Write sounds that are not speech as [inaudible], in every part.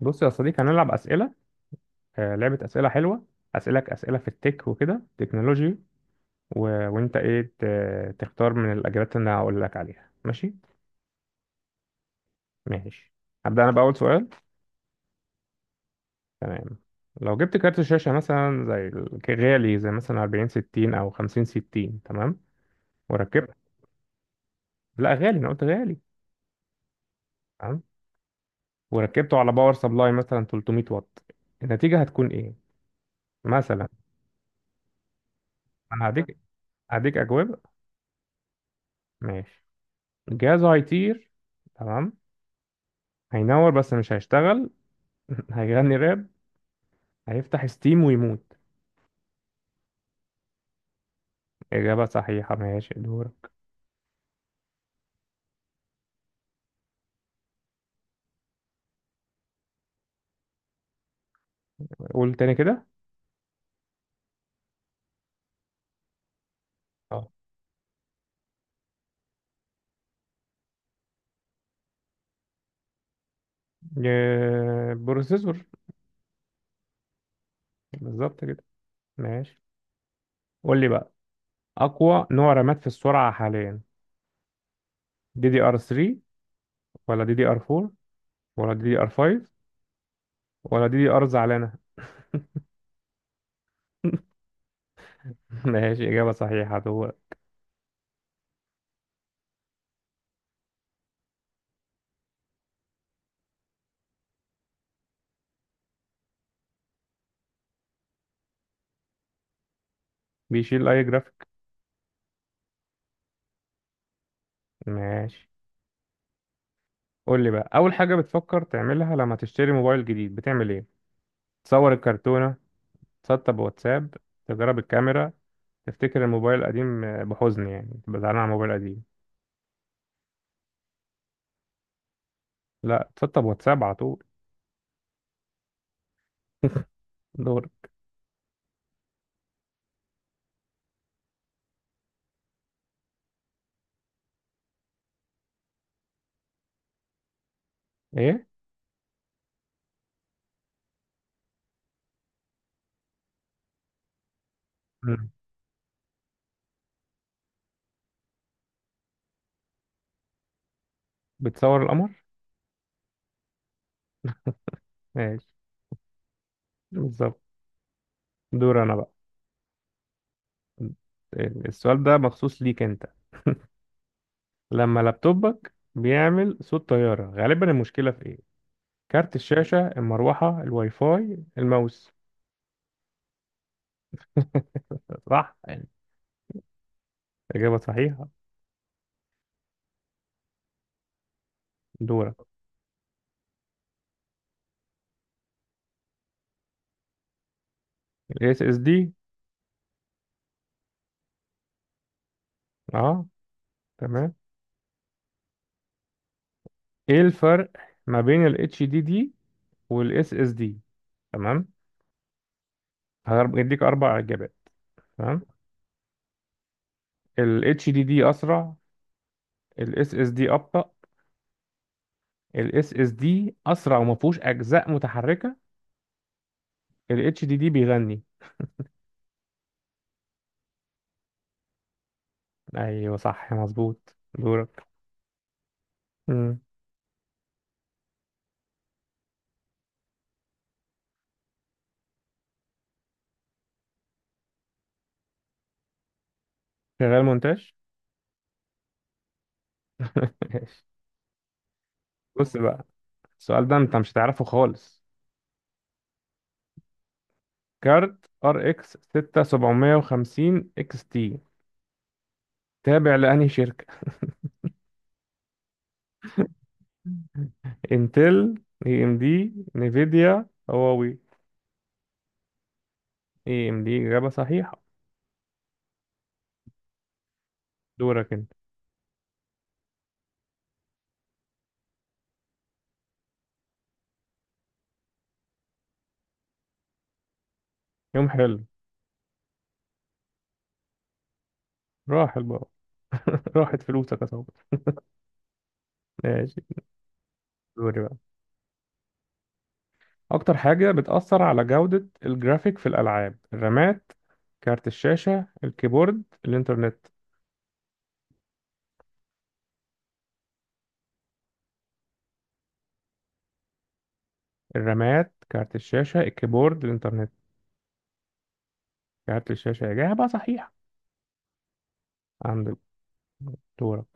بص يا صديقي هنلعب أسئلة. آه، لعبة أسئلة حلوة. أسألك أسئلة في التك وكده تكنولوجي و... وأنت إيه ت... تختار من الإجابات اللي أنا هقول لك عليها ماشي؟ ماشي، هبدأ أنا بأول سؤال. تمام، لو جبت كارت شاشة مثلا زي غالي، زي مثلا 40 60 أو 50 60، تمام وركبت. لا غالي، أنا قلت غالي. تمام، وركبته على باور سبلاي مثلا 300 واط، النتيجة هتكون إيه؟ مثلا أنا هديك، هديك أجوبة. ماشي، الجهاز هيطير، تمام، هينور بس مش هيشتغل، [laughs] هيغني راب، هيفتح ستيم ويموت. إجابة صحيحة، ماشي دورك. قول تاني كده. اه. بروسيسور. بالظبط كده. ماشي، قول لي بقى أقوى نوع رامات في السرعة حاليا؟ دي دي ار 3، ولا دي دي ار 4، ولا دي دي ار 5، ولا دي دي ار زعلانة. [laughs] ماشي، إجابة صحيحة دورك. بيشيل أي جرافيك. ماشي، قول لي بقى، أول حاجة بتفكر تعملها لما تشتري موبايل جديد بتعمل إيه؟ تصور الكرتونة، تسطب واتساب، تجرب الكاميرا، تفتكر الموبايل القديم بحزن، يعني تبقى زعلان على الموبايل القديم. لا، تسطب واتساب على طول. [laughs] دور. ايه. مم. بتصور القمر. ماشي، بالظبط. دور انا بقى. السؤال ده مخصوص ليك انت، لما لابتوبك بيعمل صوت طيارة غالبا المشكلة في ايه؟ كارت الشاشة، المروحة، الواي فاي، الماوس. صح يعني. إجابة صحيحة. دورك. ال SSD. اه، تمام. ايه الفرق ما بين ال HDD وال SSD؟ تمام، هديك اربع اجابات. تمام، ال اتش دي دي اسرع، الاس اس اس دي ابطا، الاس اس اس دي اسرع وما فيهوش اجزاء متحركه، الاتش دي دي بيغني. ايوه صح مظبوط، دورك. مم. شغال مونتاج. [laughs] ماشي. بص بقى، السؤال ده انت مش هتعرفه خالص. كارت ار اكس 6750 اكس تي تابع لانهي شركه؟ [laughs] انتل، اي ام دي، نيفيديا، هواوي. اي ام دي، اجابه صحيحه. دورك انت. يوم حلو. راحل بقى. [laughs] راحت فلوسك يا صاحبي. ماشي. دوري بقى، اكتر حاجة بتأثر على جودة الجرافيك في الالعاب؟ الرامات، كارت الشاشة، الكيبورد، الانترنت. الرامات، كارت الشاشة، الكيبورد، الانترنت. كارت الشاشة. إجابة صحيحة. عندك. دورك.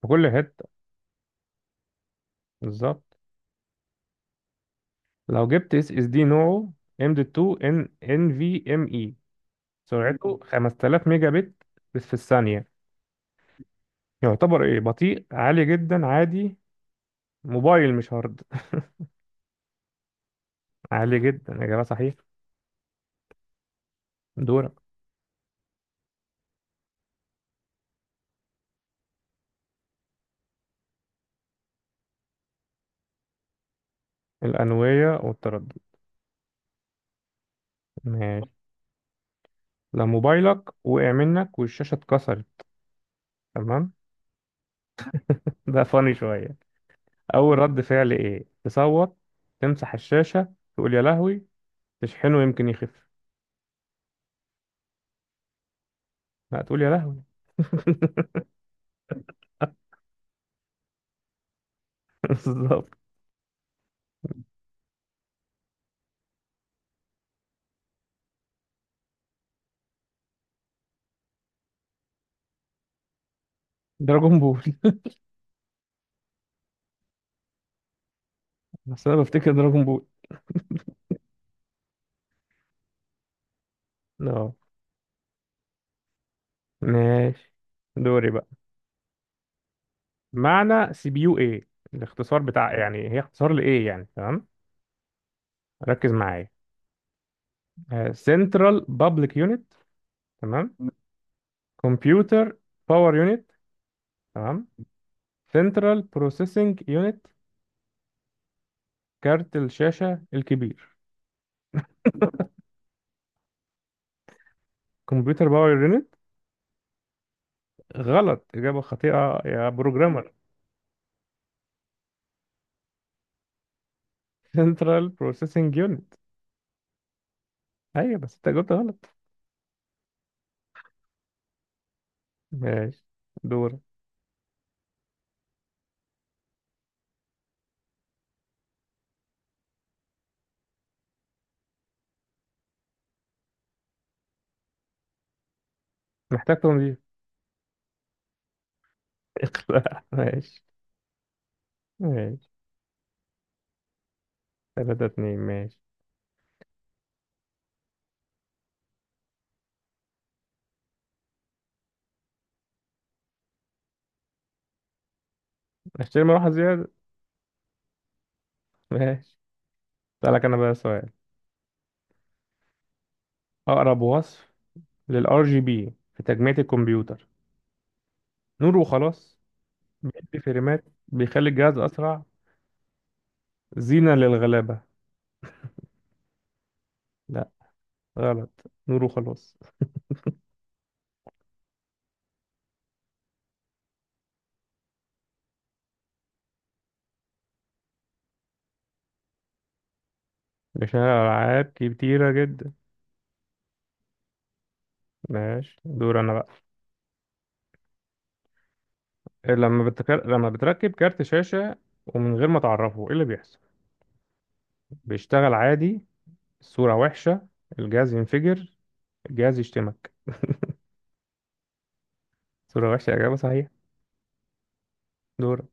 في كل حتة. بالظبط. لو جبت اس اس دي نوعه ام دي 2 ان ان في ام اي، سرعته 5000 ميجا بت بس في الثانية، يعتبر ايه؟ بطيء، عالي جدا، عادي، موبايل مش هارد. [laughs] عالي جدا، إجابة صحيحة. دورك. الأنوية والتردد. ماشي. لو موبايلك وقع منك والشاشة اتكسرت، تمام، ده فاني شوية، أول رد فعل إيه؟ تصوت، تمسح الشاشة، تقول يا لهوي، تشحنه يمكن يخف. لا، تقول يا لهوي. [laughs] بالظبط. دراجون بول. بس أنا بفتكر دراجون بول. اه، ماشي. دوري بقى. معنى سي بي يو إيه؟ الاختصار بتاع يعني، هي اختصار لإيه يعني، تمام؟ ركز معايا. سنترال بابليك يونت، تمام، كمبيوتر باور يونت، تمام، سنترال بروسيسنج يونت، كارت الشاشة الكبير. كمبيوتر باور يونت. غلط، إجابة خاطئة يا بروجرامر. سنترال بروسيسنج يونت. أيوة، بس أنت جاوبت غلط. ماشي، دور. محتاج تنظيف. [laughs] اخلع ماشي. ماشي. تلاتة اتنين ماشي. اشتري مروحة زيادة. ماشي. أسألك أنا بقى سؤال. أقرب وصف للآر جي بي في تجميع الكمبيوتر؟ نور وخلاص، بيدي فريمات، بيخلي الجهاز أسرع، زينة للغلابة. لا، غلط. نور وخلاص. ده فيها ألعاب كتيرة جدا. ماشي، دور أنا بقى. لما بتركب كارت شاشة ومن غير ما تعرفه، إيه اللي بيحصل؟ بيشتغل عادي، الصورة وحشة، الجهاز ينفجر، الجهاز يشتمك. صورة وحشة إجابة صحيحة. دور.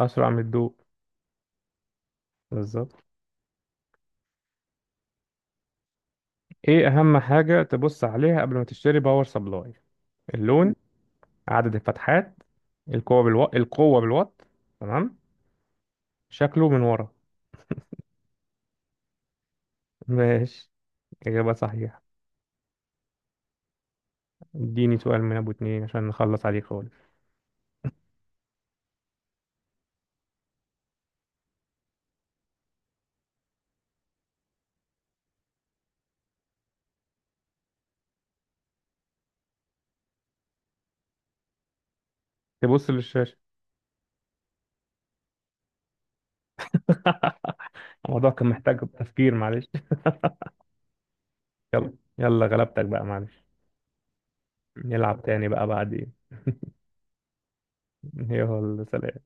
أسرع من الضوء. بالظبط. إيه أهم حاجة تبص عليها قبل ما تشتري باور سبلاي؟ اللون، عدد الفتحات، القوة بالوات، تمام، شكله من ورا. ماشي، إجابة صحيحة. اديني سؤال من أبو اتنين عشان نخلص عليه خالص. تبص للشاشة. [laughs] الموضوع كان محتاج تفكير، معلش. يلا غلبتك بقى، معلش. نلعب تاني بقى بعدين. يلا، سلام.